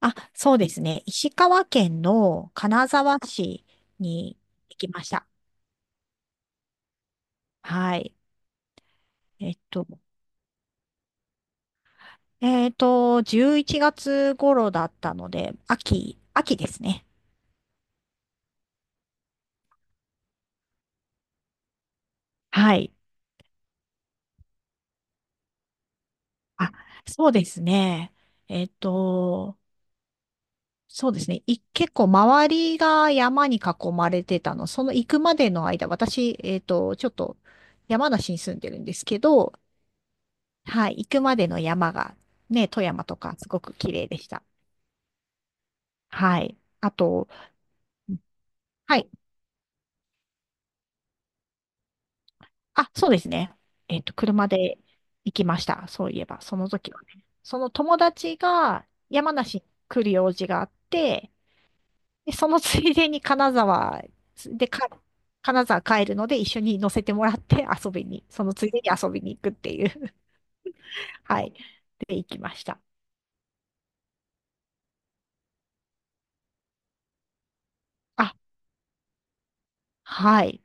あ、そうですね。石川県の金沢市に行きました。はい。えっと、11月頃だったので、秋ですね。はい。あ、そうですね。えっと、そうですね。結構周りが山に囲まれてたの。その行くまでの間、私、ちょっと山梨に住んでるんですけど、はい。行くまでの山が、ね、富山とかすごく綺麗でした。はい。あと、はい。あ、そうですね。えっと、車で行きました。そういえば、その時はね。その友達が山梨に来る用事があって、で、そのついでにでか、金沢帰るので一緒に乗せてもらって遊びに、そのついでに遊びに行くっていう。はい。で、行きました。あ、はい。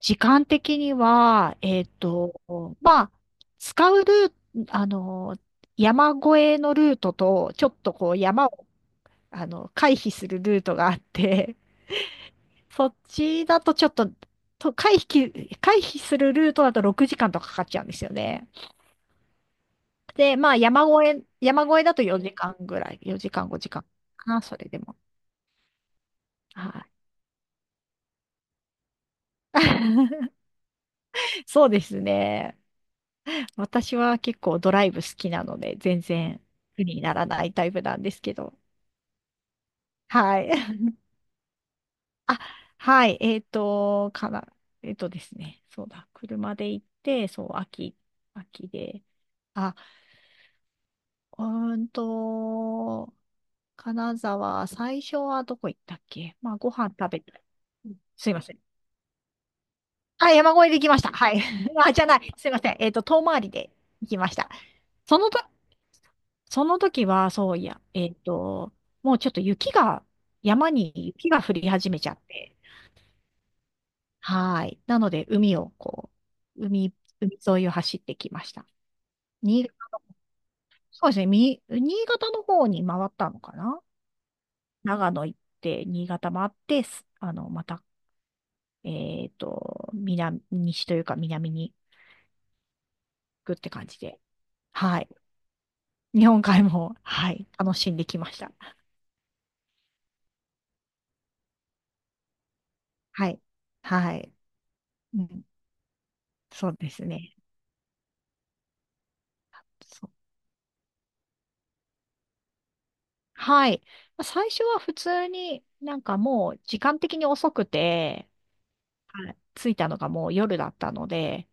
時間的には、まあ、使うルート、あの、山越えのルートと、ちょっとこう山を、あの、回避するルートがあって、そっちだとちょっと、回避するルートだと6時間とかかかっちゃうんですよね。で、まあ山越えだと4時間ぐらい、4時間5時間かな、それでも。はい。そうですね。私は結構ドライブ好きなので、全然苦にならないタイプなんですけど。はい。あ、はい。えっとですね。そうだ。車で行って、そう、秋で。あ、うーんと、金沢、最初はどこ行ったっけ。まあ、ご飯食べた。うん、すいません。あ、山越えで行きました。はい。あ、じゃない。すいません。えっと、遠回りで行きました。その時その時は、そういや、えっと、もうちょっと雪が、山に雪が降り始めちゃって、はい。なので、海をこう、海、海沿いを走ってきました。新潟、そうですね、新潟の方に回ったのかな。長野行って、新潟回って、あの、また、えっと、南、西というか南に行くって感じで、はい。日本海も、はい、楽しんできました。はい。はい。うん、そうですね。はい。まあ最初は普通になんかもう時間的に遅くて、はい、着いたのがもう夜だったので、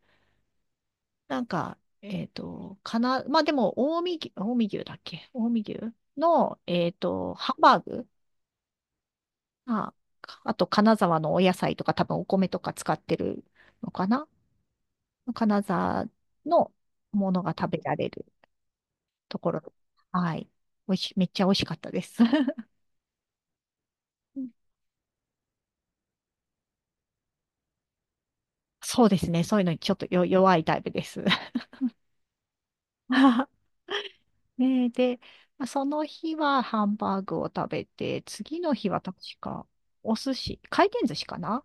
まあでも、近江牛の、えっと、ハンバーグ、あ、あと金沢のお野菜とか多分お米とか使ってるのかな。金沢のものが食べられるところ。はい。おいし、めっちゃ美味しかったです。そうですね。そういうのにちょっと弱いタイプです。ねえ、で、まあその日はハンバーグを食べて、次の日は確かお寿司、回転寿司かな。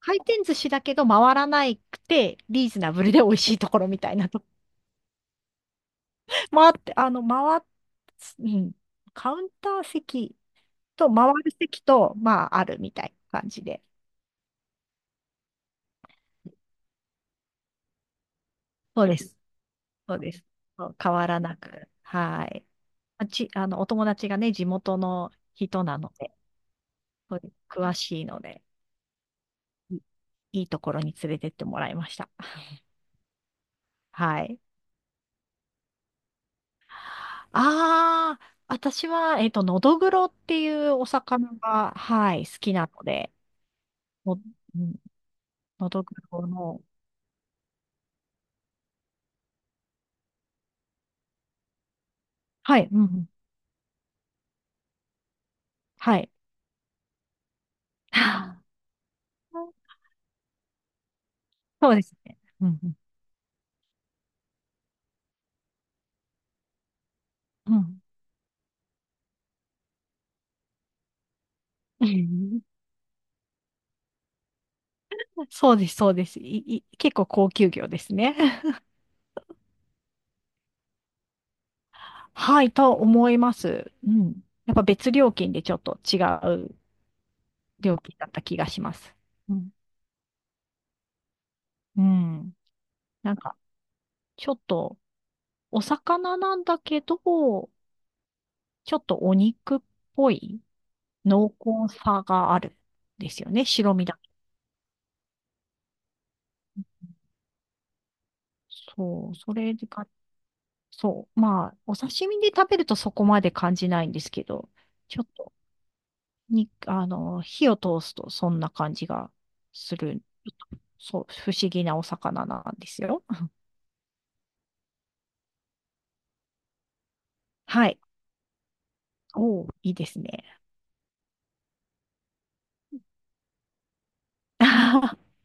回転寿司だけど回らなくて、リーズナブルで美味しいところみたいなと。回って、あの、回っ、うん、カウンター席と回る席と、まあ、あるみたいな感じで。そうです。そうです。そう変わらなく。はい。まあち、あの、お友達がね、地元の人なので、そうです、詳しいので。いいところに連れてってもらいました。はい。ああ、私は、えっと、のどぐろっていうお魚が、はい、好きなので、の、うん、のどぐろの、はい、うんうん、はい。そうですね。うんうん、うんうん。 そうです、そうです。結構高級魚ですね。はい、と思います。うん。やっぱ別料金でちょっと違う料金だった気がします。うん。うん。なんか、ちょっと、お魚なんだけど、ちょっとお肉っぽい濃厚さがあるんですよね。白身だ。そう、それが、そう。まあ、お刺身で食べるとそこまで感じないんですけど、ちょっと、あの、火を通すとそんな感じがする。ちょっとそう、不思議なお魚なんですよ。はい。おー、いいですね。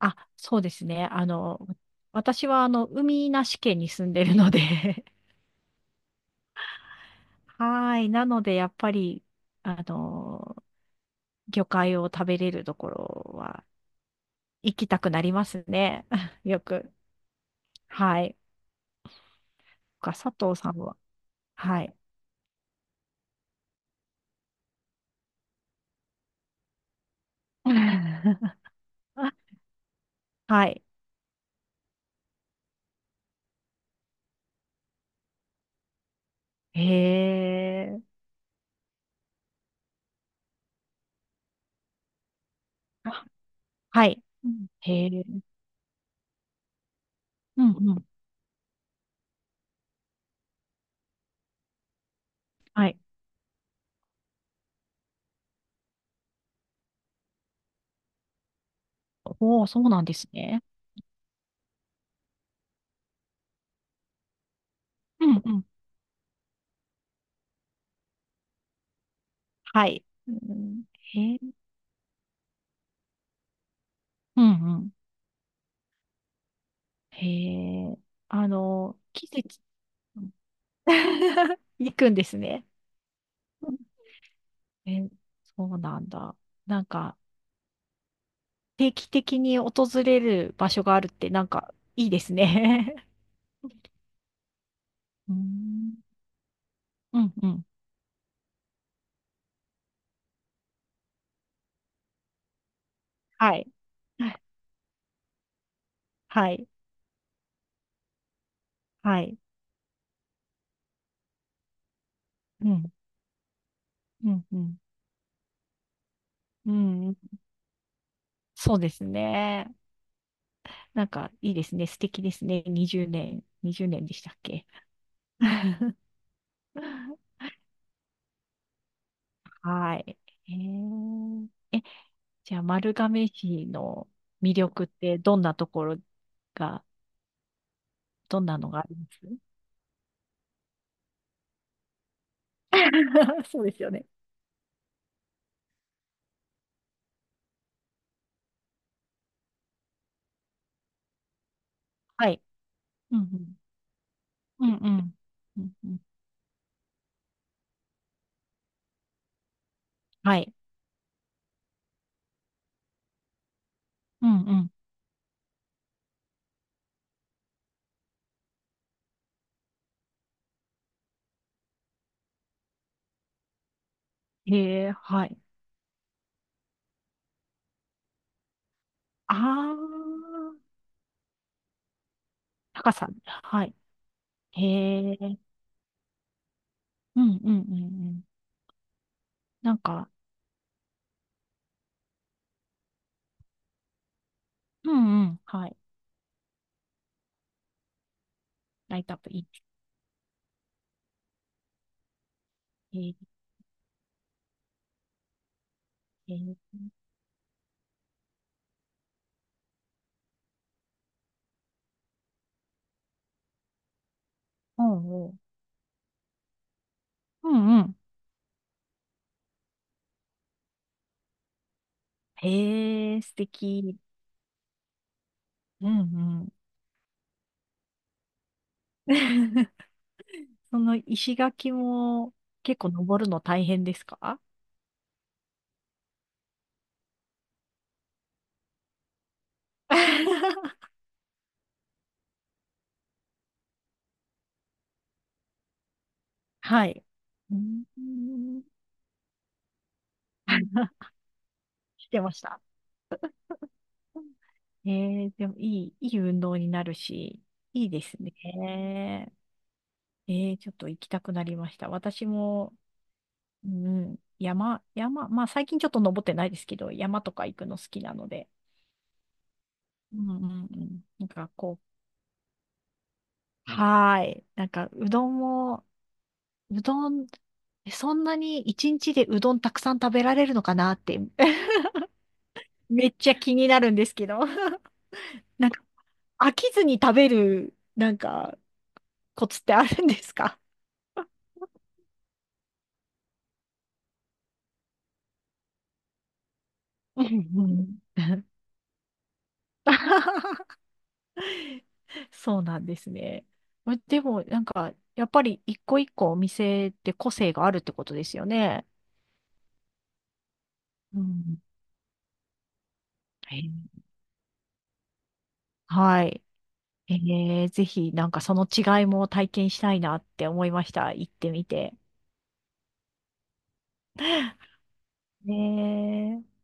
あ、そうですね。私はあの、海なし県に住んでるので、はい。なので、やっぱり、あの、魚介を食べれるところは行きたくなりますね。よく。はい。か、佐藤さんは。はい。はい。へえ。あ、はい。うん、へえ。うんうん。はい。おお、そうなんですね。うんうん。はい。うん、へえ。うんうん。へえ。あの、季節、うん。 行くんですね。え、そうなんだ。なんか、定期的に訪れる場所があるって、なんか、いいですね。うん、うん、うん。はい。はい。はい。うん、うん、うん。うん、そうですね。なんか、いいですね。素敵ですね。20年でしたっけ？ はい。えー、じゃあ、丸亀市の魅力ってが、どんなのがあります？ そうですよね。はい。うんうん。うんうん。うんうん。はい。うんうん。へえ、はい。あー、高さ。はい。へえ、うんうんうんうん。なんか、うんうん。はい。ライトアップいい。へえ、へえ、おうおう。うんうん。へえ、素敵。うんうん。その石垣も結構登るの大変ですか？ はい。うん。してました。えー、でもいい運動になるし、いいですね。えー、ちょっと行きたくなりました。私も、うん、山、まあ最近ちょっと登ってないですけど、山とか行くの好きなので、うんうんうん。なんかこう、はーい。なんかうどんも、うどん、そんなに一日でうどんたくさん食べられるのかなって、めっちゃ気になるんですけど、なんか飽きずに食べる、なんか、コツってあるんですか？ うんうん。 そうなんですね。までも、なんか、やっぱり一個一個お店って個性があるってことですよね。うん。えー、はい。えー、ぜひ、なんかその違いも体験したいなって思いました。行ってみて。ねえ